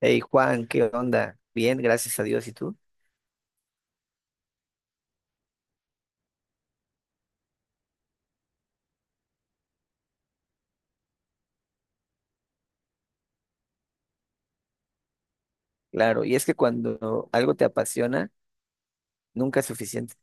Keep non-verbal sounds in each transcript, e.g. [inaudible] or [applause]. Hey Juan, ¿qué onda? Bien, gracias a Dios. ¿Y tú? Claro, y es que cuando algo te apasiona, nunca es suficiente.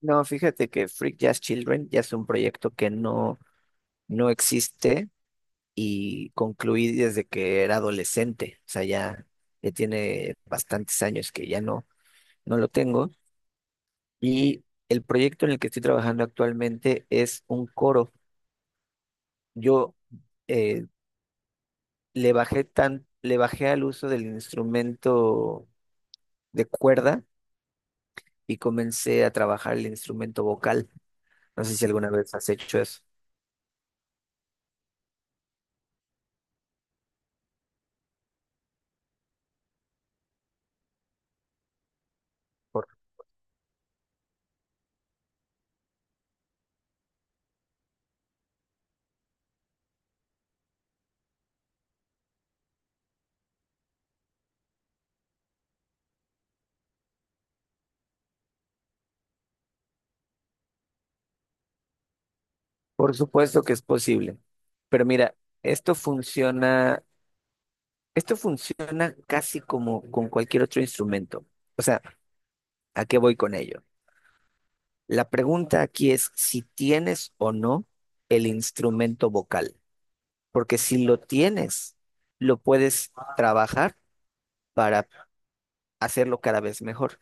No, fíjate que Freak Jazz Children ya es un proyecto que no, no existe y concluí desde que era adolescente. O sea, ya tiene bastantes años que ya no lo tengo. Y el proyecto en el que estoy trabajando actualmente es un coro. Yo eh, le bajé le bajé al uso del instrumento de cuerda y comencé a trabajar el instrumento vocal. No sé si alguna vez has hecho eso. Por, por supuesto que es posible. Pero mira, esto funciona, esto funciona casi como con cualquier otro instrumento. O sea, ¿a qué voy con ello? La pregunta aquí es si tienes o no el instrumento vocal, porque si lo tienes, lo puedes trabajar para hacerlo cada vez mejor.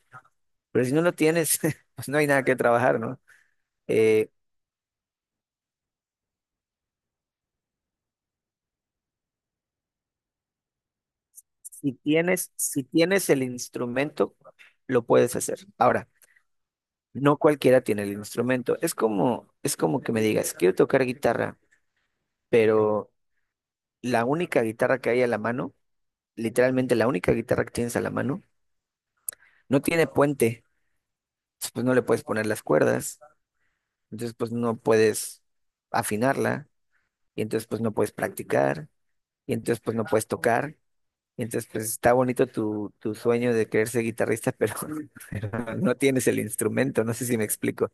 Pero si no lo tienes, [laughs] pues no hay nada que trabajar, ¿no? Eh, si tienes el instrumento, lo puedes hacer. Ahora, no cualquiera tiene el instrumento. Es como que me digas, quiero tocar guitarra, pero la única guitarra que hay a la mano, literalmente la única guitarra que tienes a la mano, no tiene puente. Entonces, pues no le puedes poner las cuerdas. Entonces, pues no puedes afinarla. Y entonces, pues no puedes practicar. Y entonces, pues no puedes tocar. Entonces, pues está bonito tu sueño de querer ser guitarrista, pero, [laughs] pero no tienes el instrumento, no sé si me explico.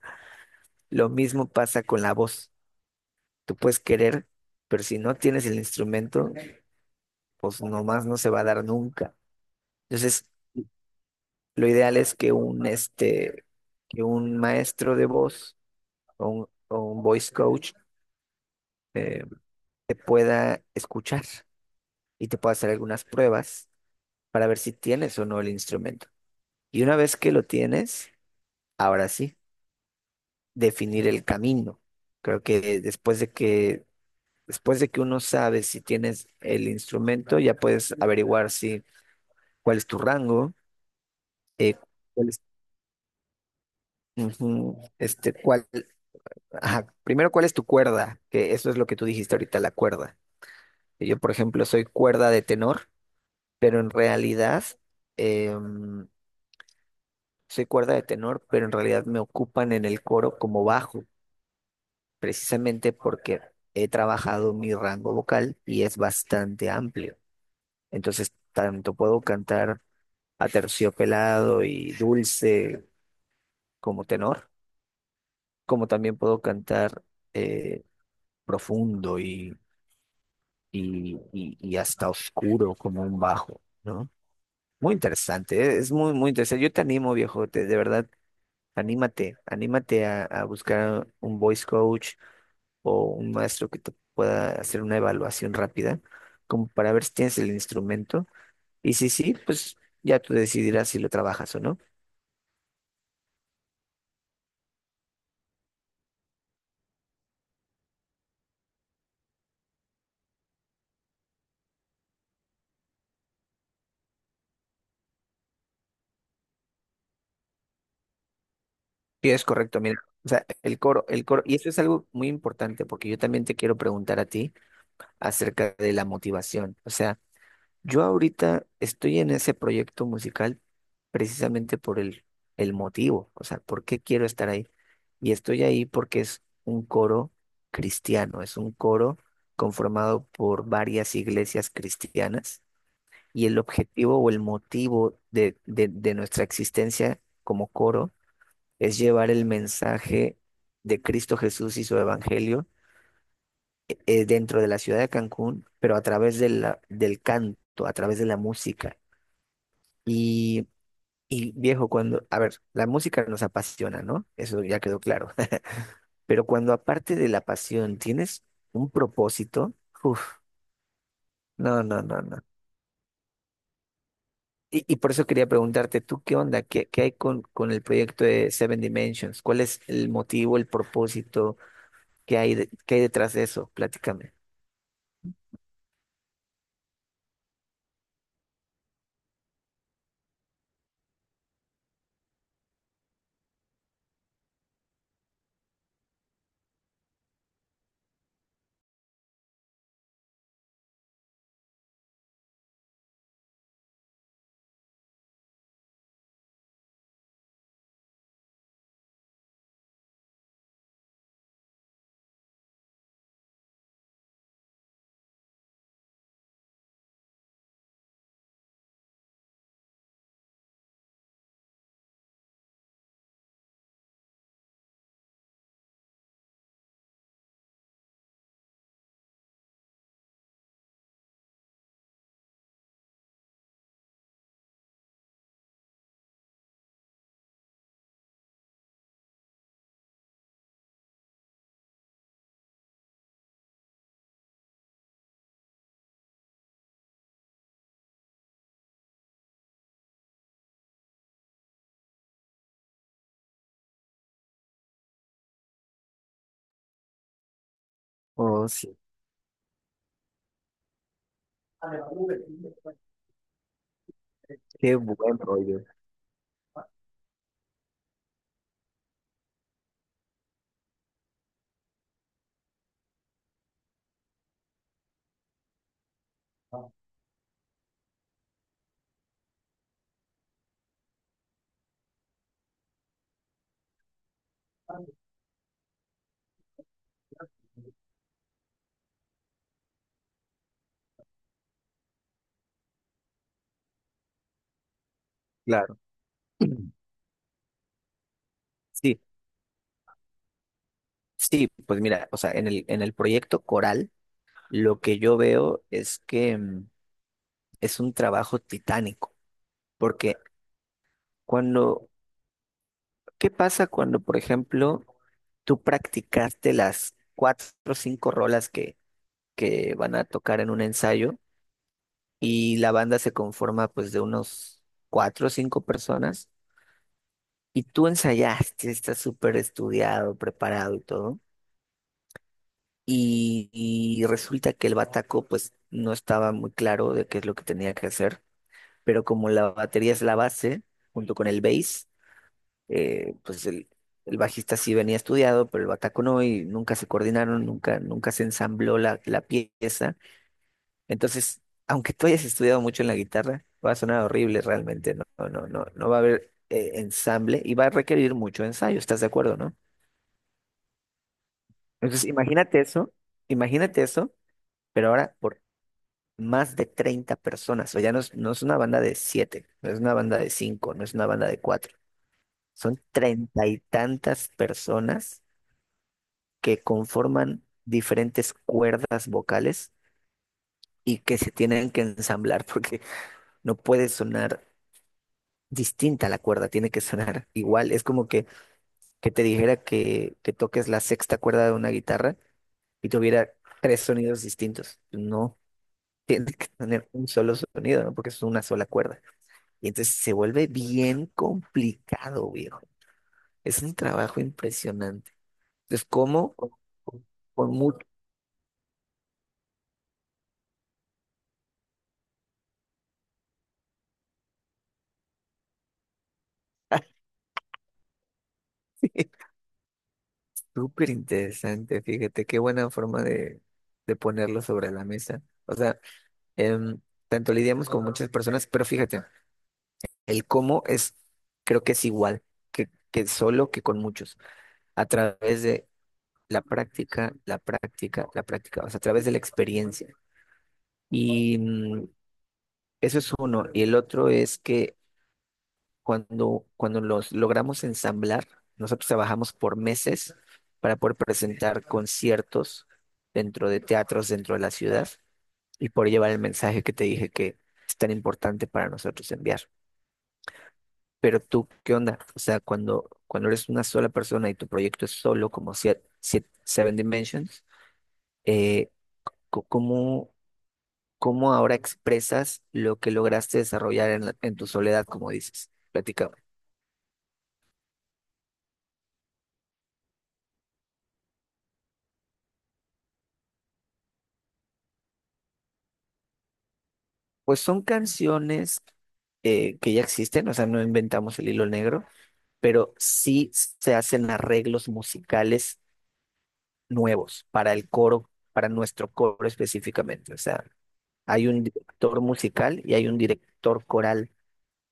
Lo mismo pasa con la voz. Tú puedes querer, pero si no tienes el instrumento, pues nomás no se va a dar nunca. Entonces, lo ideal es que un, este, que un maestro de voz o un voice coach eh, te pueda escuchar y te pueda hacer algunas pruebas para ver si tienes o no el instrumento. Y una vez que lo tienes, ahora sí. Definir el camino. Creo que después de que uno sabe si tienes el instrumento, ya puedes averiguar si cuál es tu rango, eh, cuál es, ujú, este, cuál, ajá, primero cuál es tu cuerda, que eso es lo que tú dijiste ahorita, la cuerda. Yo, por ejemplo, soy cuerda de tenor, pero en realidad em, soy cuerda de tenor, pero en realidad me ocupan en el coro como bajo. Precisamente porque he trabajado mi rango vocal y es bastante amplio. Entonces, tanto puedo cantar aterciopelado y dulce como tenor, como también puedo cantar eh, profundo y hasta oscuro como un bajo, ¿no? Muy interesante, ¿eh? Es muy, muy interesante. Yo te animo, viejo, de verdad, anímate, a buscar un voice coach o un maestro que te pueda hacer una evaluación rápida, como para ver si tienes el instrumento. Y si sí, pues ya tú decidirás si lo trabajas o no. Y es correcto, mira. O sea, el coro, y eso es algo muy importante porque yo también te quiero preguntar a ti acerca de la motivación. O sea, yo ahorita estoy en ese proyecto musical precisamente por el motivo, o sea, por qué quiero estar ahí. Y estoy ahí porque es un coro cristiano, es un coro conformado por varias iglesias cristianas y el objetivo o el motivo de nuestra existencia como coro es llevar el mensaje de Cristo Jesús y su evangelio, dentro de la ciudad de Cancún, pero a través de del canto, a través de la música. Y, y viejo, cuando, a ver, la música nos apasiona, ¿no? Eso ya quedó claro. [laughs] Pero cuando aparte de la pasión tienes un propósito, uff, no, no, no, no. Y por eso quería preguntarte, ¿tú qué onda? ¿Qué, qué hay con el proyecto de Seven Dimensions? ¿Cuál es el motivo, el propósito? ¿Qué hay, qué hay detrás de eso? Platícame. Oh, sí, qué buen rollo. Claro. [clears throat] Sí, sí, pues mira, o sea, en en el proyecto coral, lo que yo veo es que es un trabajo titánico, porque cuando, ¿qué pasa cuando, por ejemplo, tú practicaste las cuatro o cinco rolas que van a tocar en un ensayo y la banda se conforma pues de unos cuatro o cinco personas y tú ensayaste, estás súper estudiado, preparado y todo, y resulta que el bataco pues no estaba muy claro de qué es lo que tenía que hacer, pero como la batería es la base, junto con el bass, pues el bajista sí venía estudiado, pero el bataco no, y nunca se coordinaron, nunca, nunca se ensambló la pieza. Entonces, aunque tú hayas estudiado mucho en la guitarra, va a sonar horrible realmente, no, no, no, no, no va a haber ensamble y va a requerir mucho ensayo, ¿estás de acuerdo, no? Entonces, imagínate eso, pero ahora por más de 30 personas, o ya no es, no es una banda de siete, no es una banda de cinco, no es una banda de cuatro, son treinta y tantas personas que conforman diferentes cuerdas vocales y que se tienen que ensamblar [laughs] porque no puede sonar distinta la cuerda, tiene que sonar igual. Es como que te dijera que toques la sexta cuerda de una guitarra y tuviera tres sonidos distintos. No, [laughs] tiene que tener un solo sonido, ¿no? Porque es una sola cuerda. Y entonces se vuelve bien complicado, viejo. Es un trabajo impresionante. Entonces, ¿cómo? Con mucho. [laughs] Súper interesante, fíjate, qué buena forma de ponerlo sobre la mesa. O sea, em, tanto lidiamos con muchas personas, pero fíjate, el cómo es, creo que es igual que solo que con muchos, a través de la práctica, la práctica, la práctica, o sea, a través de la experiencia. Y eso es uno. Y el otro es que cuando cuando los logramos ensamblar, nosotros trabajamos por meses para poder presentar conciertos dentro de teatros dentro de la ciudad y por llevar el mensaje que te dije que es tan importante para nosotros enviar. Pero tú, ¿qué onda? O sea, cuando eres una sola persona y tu proyecto es solo, como Seven Dimensions, eh, ¿cómo, cómo ahora expresas lo que lograste desarrollar en, en tu soledad, como dices? Platica. Pues son canciones que ya existen, o sea, no inventamos el hilo negro, pero sí se hacen arreglos musicales nuevos para el coro, para nuestro coro específicamente. O sea, hay un director musical y hay un director coral,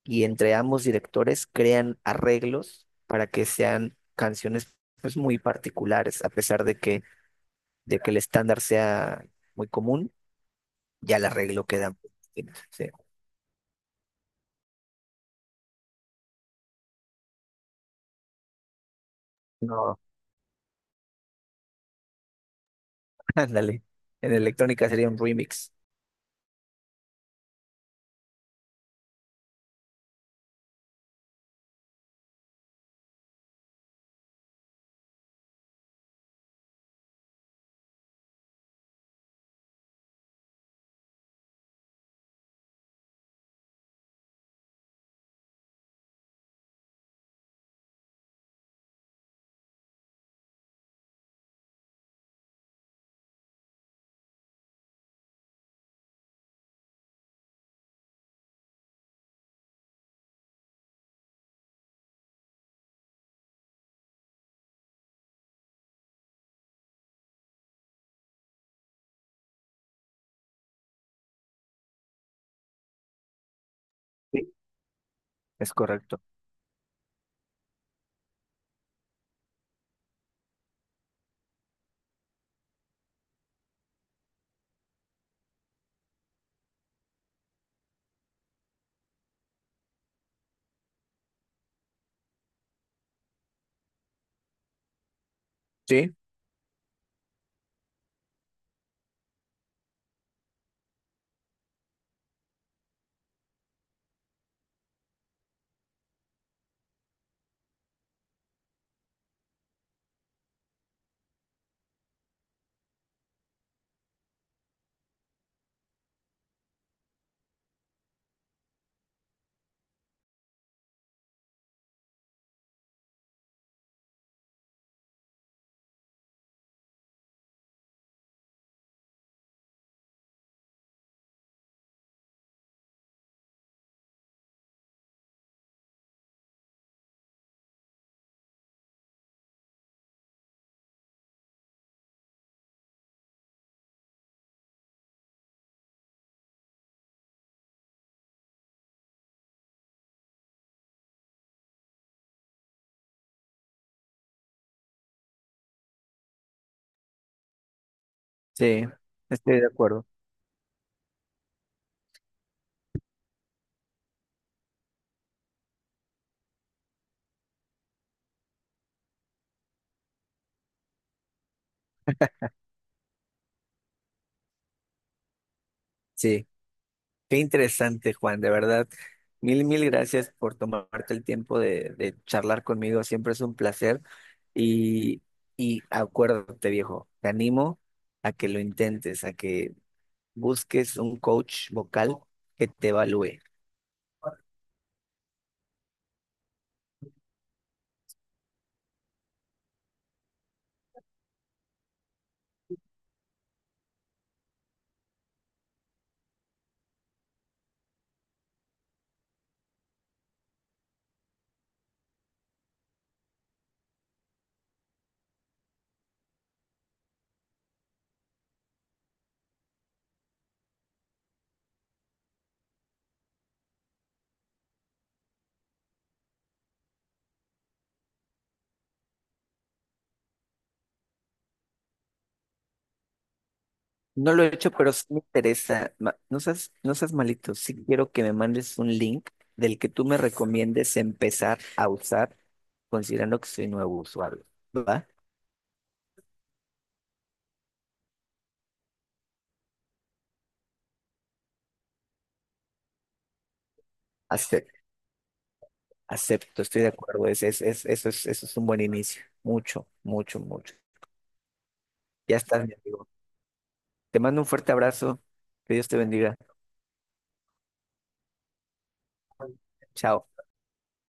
y entre ambos directores crean arreglos para que sean canciones pues muy particulares, a pesar de de que el estándar sea muy común, ya el arreglo queda. Sí. No. Ándale. En electrónica sería un remix. Sí. Es correcto. Sí, sí, estoy de acuerdo. Sí, qué interesante, Juan, de verdad. Mil, mil gracias por tomarte el tiempo de charlar conmigo. Siempre es un placer. Y, y acuérdate, viejo, te animo a que lo intentes, a que busques un coach vocal que te evalúe. No lo he hecho, pero sí me interesa. Ma- No seas, no seas malito. Sí quiero que me mandes un link del que tú me recomiendes empezar a usar, considerando que soy nuevo usuario. ¿Va? Acepto, acepto, estoy de acuerdo. Es, eso es, eso es un buen inicio. Mucho, mucho, mucho. Ya estás, mi amigo. Te mando un fuerte abrazo. Que Dios te bendiga. Chao.